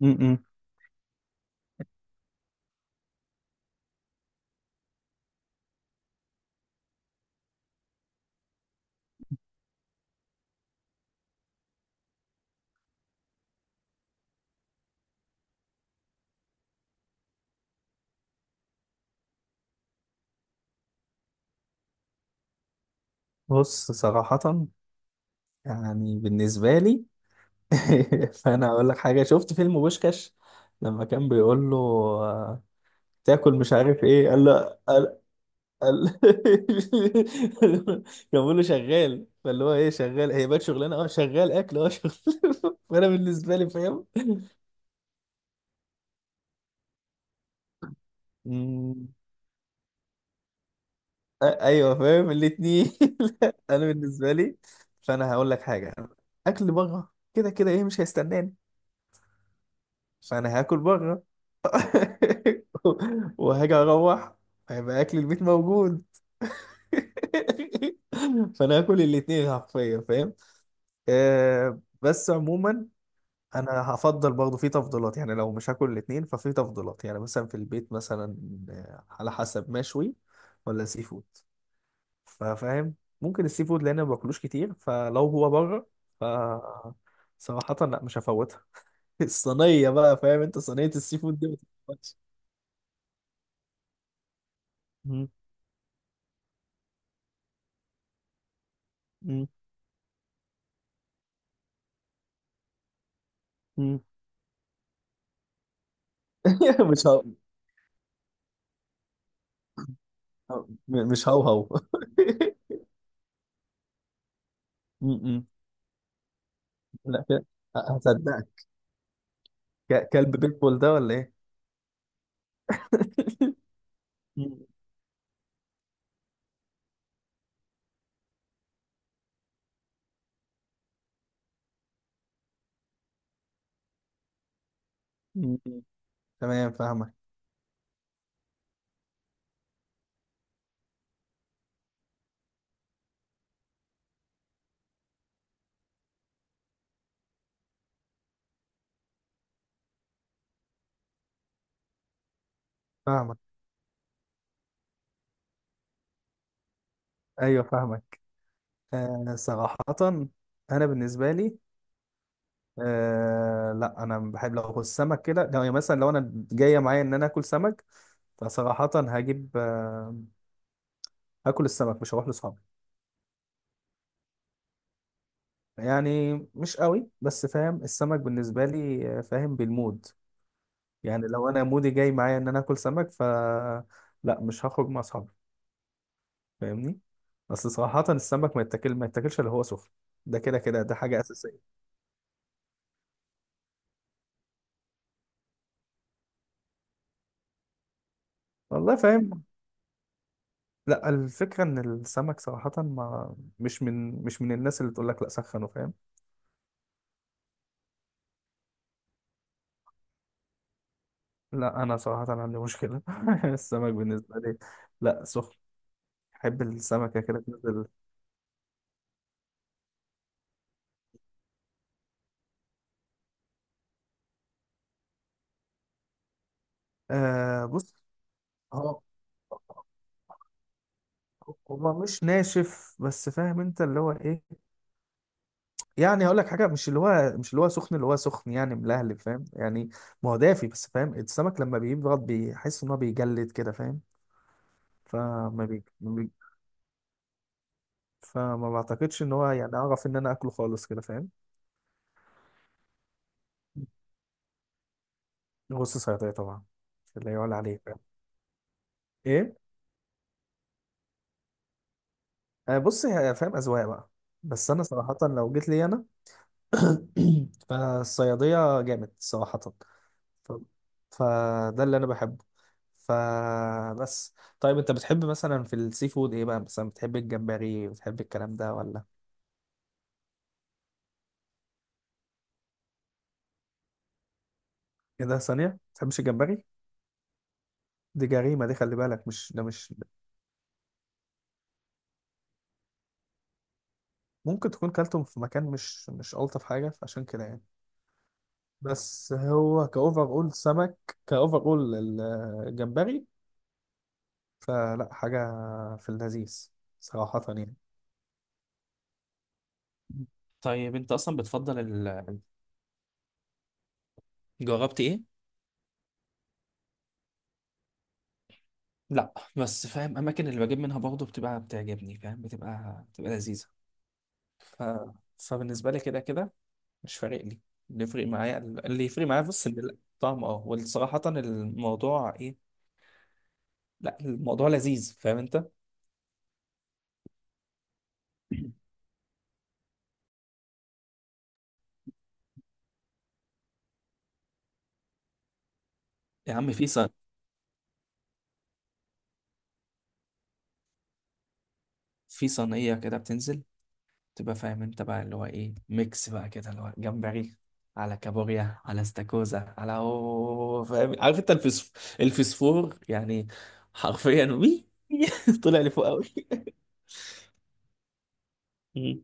م-م. بص صراحة، يعني بالنسبة لي. فأنا أقول لك حاجة، شفت فيلم بوشكاش. لما كان بيقول له تاكل مش عارف إيه، قال له، قال كان بيقول له شغال، فاللي هو إيه، شغال، هي بقت شغلانة، أه شغال أكل، أه شغل. فأنا بالنسبة لي فاهم. م، أيوه فاهم الاتنين. أنا بالنسبة لي، فأنا هقول لك حاجة. أكل بره كده كده إيه مش هيستناني، فانا هاكل بره. وهاجي اروح، هيبقى اكل البيت موجود. فانا هاكل الاتنين حرفيا، فاهم؟ آه، بس عموما انا هفضل برضه في تفضيلات. يعني لو مش هاكل الاتنين، ففي تفضيلات. يعني مثلا في البيت مثلا، على حسب مشوي ولا سي فود، فاهم؟ ممكن السي فود، لان أنا ما باكلوش كتير. فلو هو بره، ف صراحة لا مش هفوتها. الصينية بقى، فاهم انت؟ صينية السي فود دي ما تتفوتش. مم. مم. مم. مش هو... مش هوهو. مم. لا كده، هصدقك. كلب بيتبول ده ولا ايه؟ مم. مم. تمام، فاهمك ايوه فاهمك. آه صراحة، انا بالنسبة لي، لا انا بحب لو اكل سمك كده. لو يعني مثلا لو انا جاية معايا ان انا اكل سمك، فصراحة هجيب هاكل السمك، مش هروح لاصحابي. يعني مش قوي، بس فاهم، السمك بالنسبة لي فاهم، بالمود. يعني لو انا مودي جاي معايا ان انا اكل سمك لا مش هخرج مع اصحابي، فاهمني. اصل صراحة السمك ما يتاكلش اللي هو سخن. ده كده كده ده حاجة أساسية، والله فاهم. لا، الفكرة إن السمك صراحة ما مش من الناس اللي تقول لك لا سخنه، فاهم؟ لا أنا صراحة عندي مشكلة. السمك بالنسبة لي لا سخن، أحب السمكة كده تنزل. بص، هو هو مش ناشف، بس فاهم أنت اللي هو إيه. يعني هقول لك حاجه، مش اللي هو سخن، اللي هو سخن يعني ملهلب، فاهم يعني. ما هو دافي، بس فاهم السمك لما بيبرد بيحس ان هو بيجلد كده، فاهم؟ فما بي... ما بي... فما بعتقدش ان هو، يعني اعرف ان انا اكله خالص كده، فاهم؟ بص صياديه طبعا، لا يعلى عليه، فاهم؟ ايه. بص، فاهم اذواق بقى. بس انا صراحه لو جيت لي انا فالصياديه جامد صراحه. ف... فده اللي انا بحبه. فبس طيب، انت بتحب مثلا في السي فود ايه بقى؟ مثلا بتحب الجمبري؟ بتحب الكلام ده ولا؟ ايه ده، ثانية ما بتحبش الجمبري؟ دي جريمة دي، خلي بالك، مش ده مش. ممكن تكون كلتهم في مكان مش ألطف حاجة، فعشان كده يعني. بس هو كأوفر أول سمك، كأوفر أول الجمبري. فلا حاجة في اللذيذ صراحة يعني. طيب انت اصلا بتفضل، ال... جربت ايه؟ لا، بس فاهم، اماكن اللي بجيب منها برضه بتبقى بتعجبني، فاهم؟ بتبقى لذيذه. ف... فبالنسبه لي كده كده مش فارق لي. اللي يفرق معايا بس ان الطعم، اه، والصراحه الموضوع ايه. لا الموضوع لذيذ، فاهم انت. يا عم، في صينيه كده بتنزل، تبقى فاهم انت بقى اللي هو ايه، ميكس بقى كده، اللي هو جمبري، على كابوريا، على استاكوزا، على، اوه فاهم عارف انت، الفسفور يعني، حرفيا وي. طلع لفوق قوي. مم.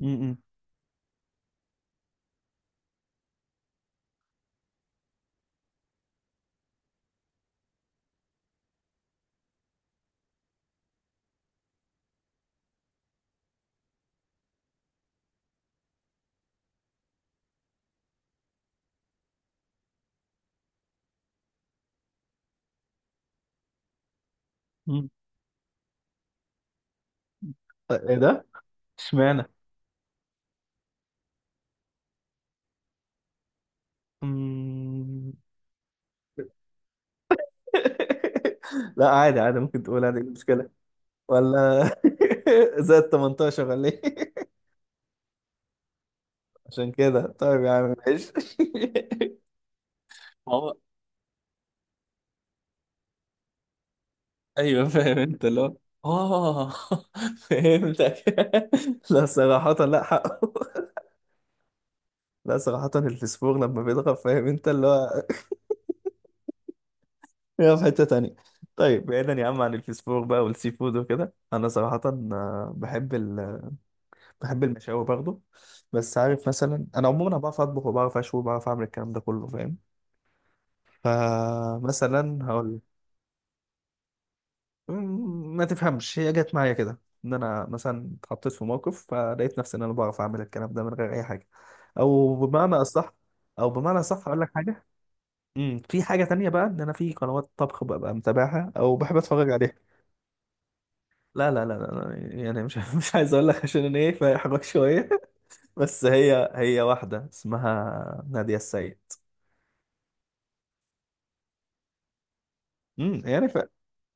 مم. مم. ايه ده، اشمعنى؟ مم. لا عادي، عادي، ممكن تقول عادي، إيه المشكلة ولا زائد 18 ولا ايه؟ عشان كده، طيب يا عم ماشي. ما هو، ايوه فاهم انت اللي هو، اه. فهمتك. لا صراحة، لا حقه. لا صراحة، الفسفور لما بيضغط فاهم انت اللي هو، يا في حتة تانية. طيب بعيدا يا عم عن الفسفور بقى والسي فود وكده، انا صراحة آه، بحب بحب المشاوي برضه. بس عارف مثلا، انا عموما أنا بعرف اطبخ، وبعرف اشوي، وبعرف اعمل الكلام ده كله، فاهم؟ فمثلا هقول لك، ما تفهمش، هي جت معايا كده، ان انا مثلا اتحطيت في موقف فلقيت نفسي ان انا بعرف اعمل الكلام ده من غير اي حاجه. او بمعنى اصح او بمعنى اصح اقول لك حاجه، في حاجه تانية بقى، ان انا في قنوات طبخ ببقى متابعها او بحب اتفرج عليها. لا لا لا لا، يعني مش مش عايز اقول لك عشان انا ايه، فاحرج شويه. بس هي واحده اسمها نادية السيد. يعني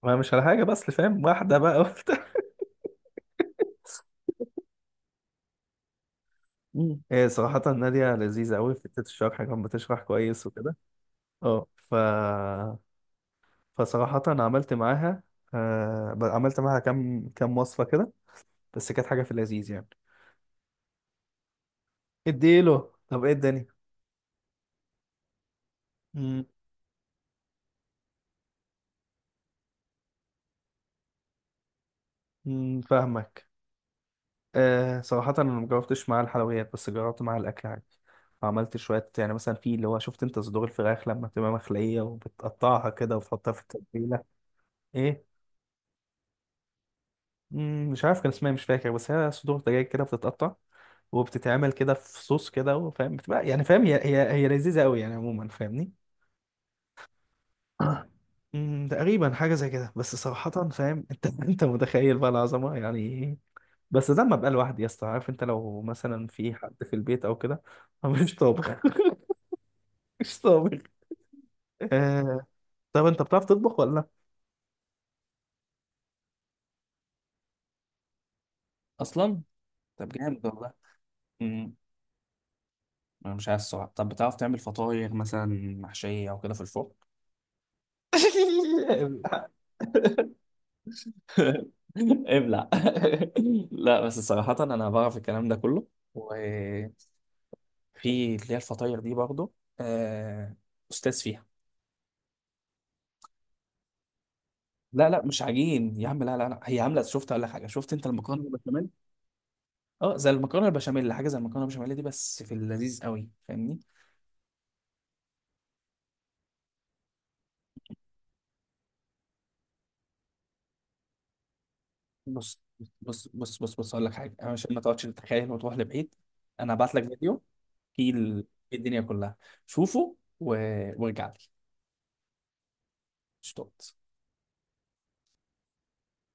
ما مش على حاجه، بس فاهم، واحده بقى وبتاع. هي صراحه ناديه لذيذه قوي، في حته الشرح كانت بتشرح كويس وكده. اه، فصراحه عملت معاها، عملت معاها كام كام وصفه كده، بس كانت حاجه في اللذيذ يعني. اديله، طب ايه الدنيا. امم أمم، فاهمك. صراحه انا ما جربتش معاها الحلويات، بس جربت معاها الاكل عادي. عملت شوية، يعني مثلا في اللي هو شفت انت صدور الفراخ لما بتبقى مخلية، وبتقطعها كده وبتحطها في التتبيلة. ايه. مش عارف كان اسمها إيه، مش فاكر، بس هي صدور دجاج كده بتتقطع، وبتتعمل كده في صوص كده، فاهم؟ بتبقى يعني، فاهم؟ هي لذيذة قوي يعني عموما، فاهمني. تقريبا حاجة زي كده، بس صراحة فاهم انت، انت متخيل بقى العظمة يعني إيه؟ بس ده لما ابقى لوحدي يا اسطى، عارف انت لو مثلا في حد في البيت او كده، أنا مش طابخ. مش طابخ. آه... طب انت بتعرف تطبخ ولا لا؟ اصلا، طب جامد والله. امم انا مش عايز الصراحه. طب بتعرف تعمل فطاير مثلا، محشيه او كده في الفرن؟ ابلع ابلع. لا بس صراحة أنا بعرف الكلام ده كله، وفي اللي هي الفطاير دي برضه، آه، أستاذ فيها. لا لا مش عجين يا عم، لا لا لا، هي عاملة، شفت، أقول لك حاجة، شفت أنت المكرونة البشاميل؟ أه زي المكرونة البشاميل، حاجة زي المكرونة البشاميل دي، بس في اللذيذ قوي، فاهمني؟ بص بص بص بص بص، أقول لك حاجة. أنا عشان ما تقعدش تتخيل وتروح لبعيد، أنا هبعت لك فيديو، فيه الدنيا كلها، شوفه وارجع لي، اشتغل.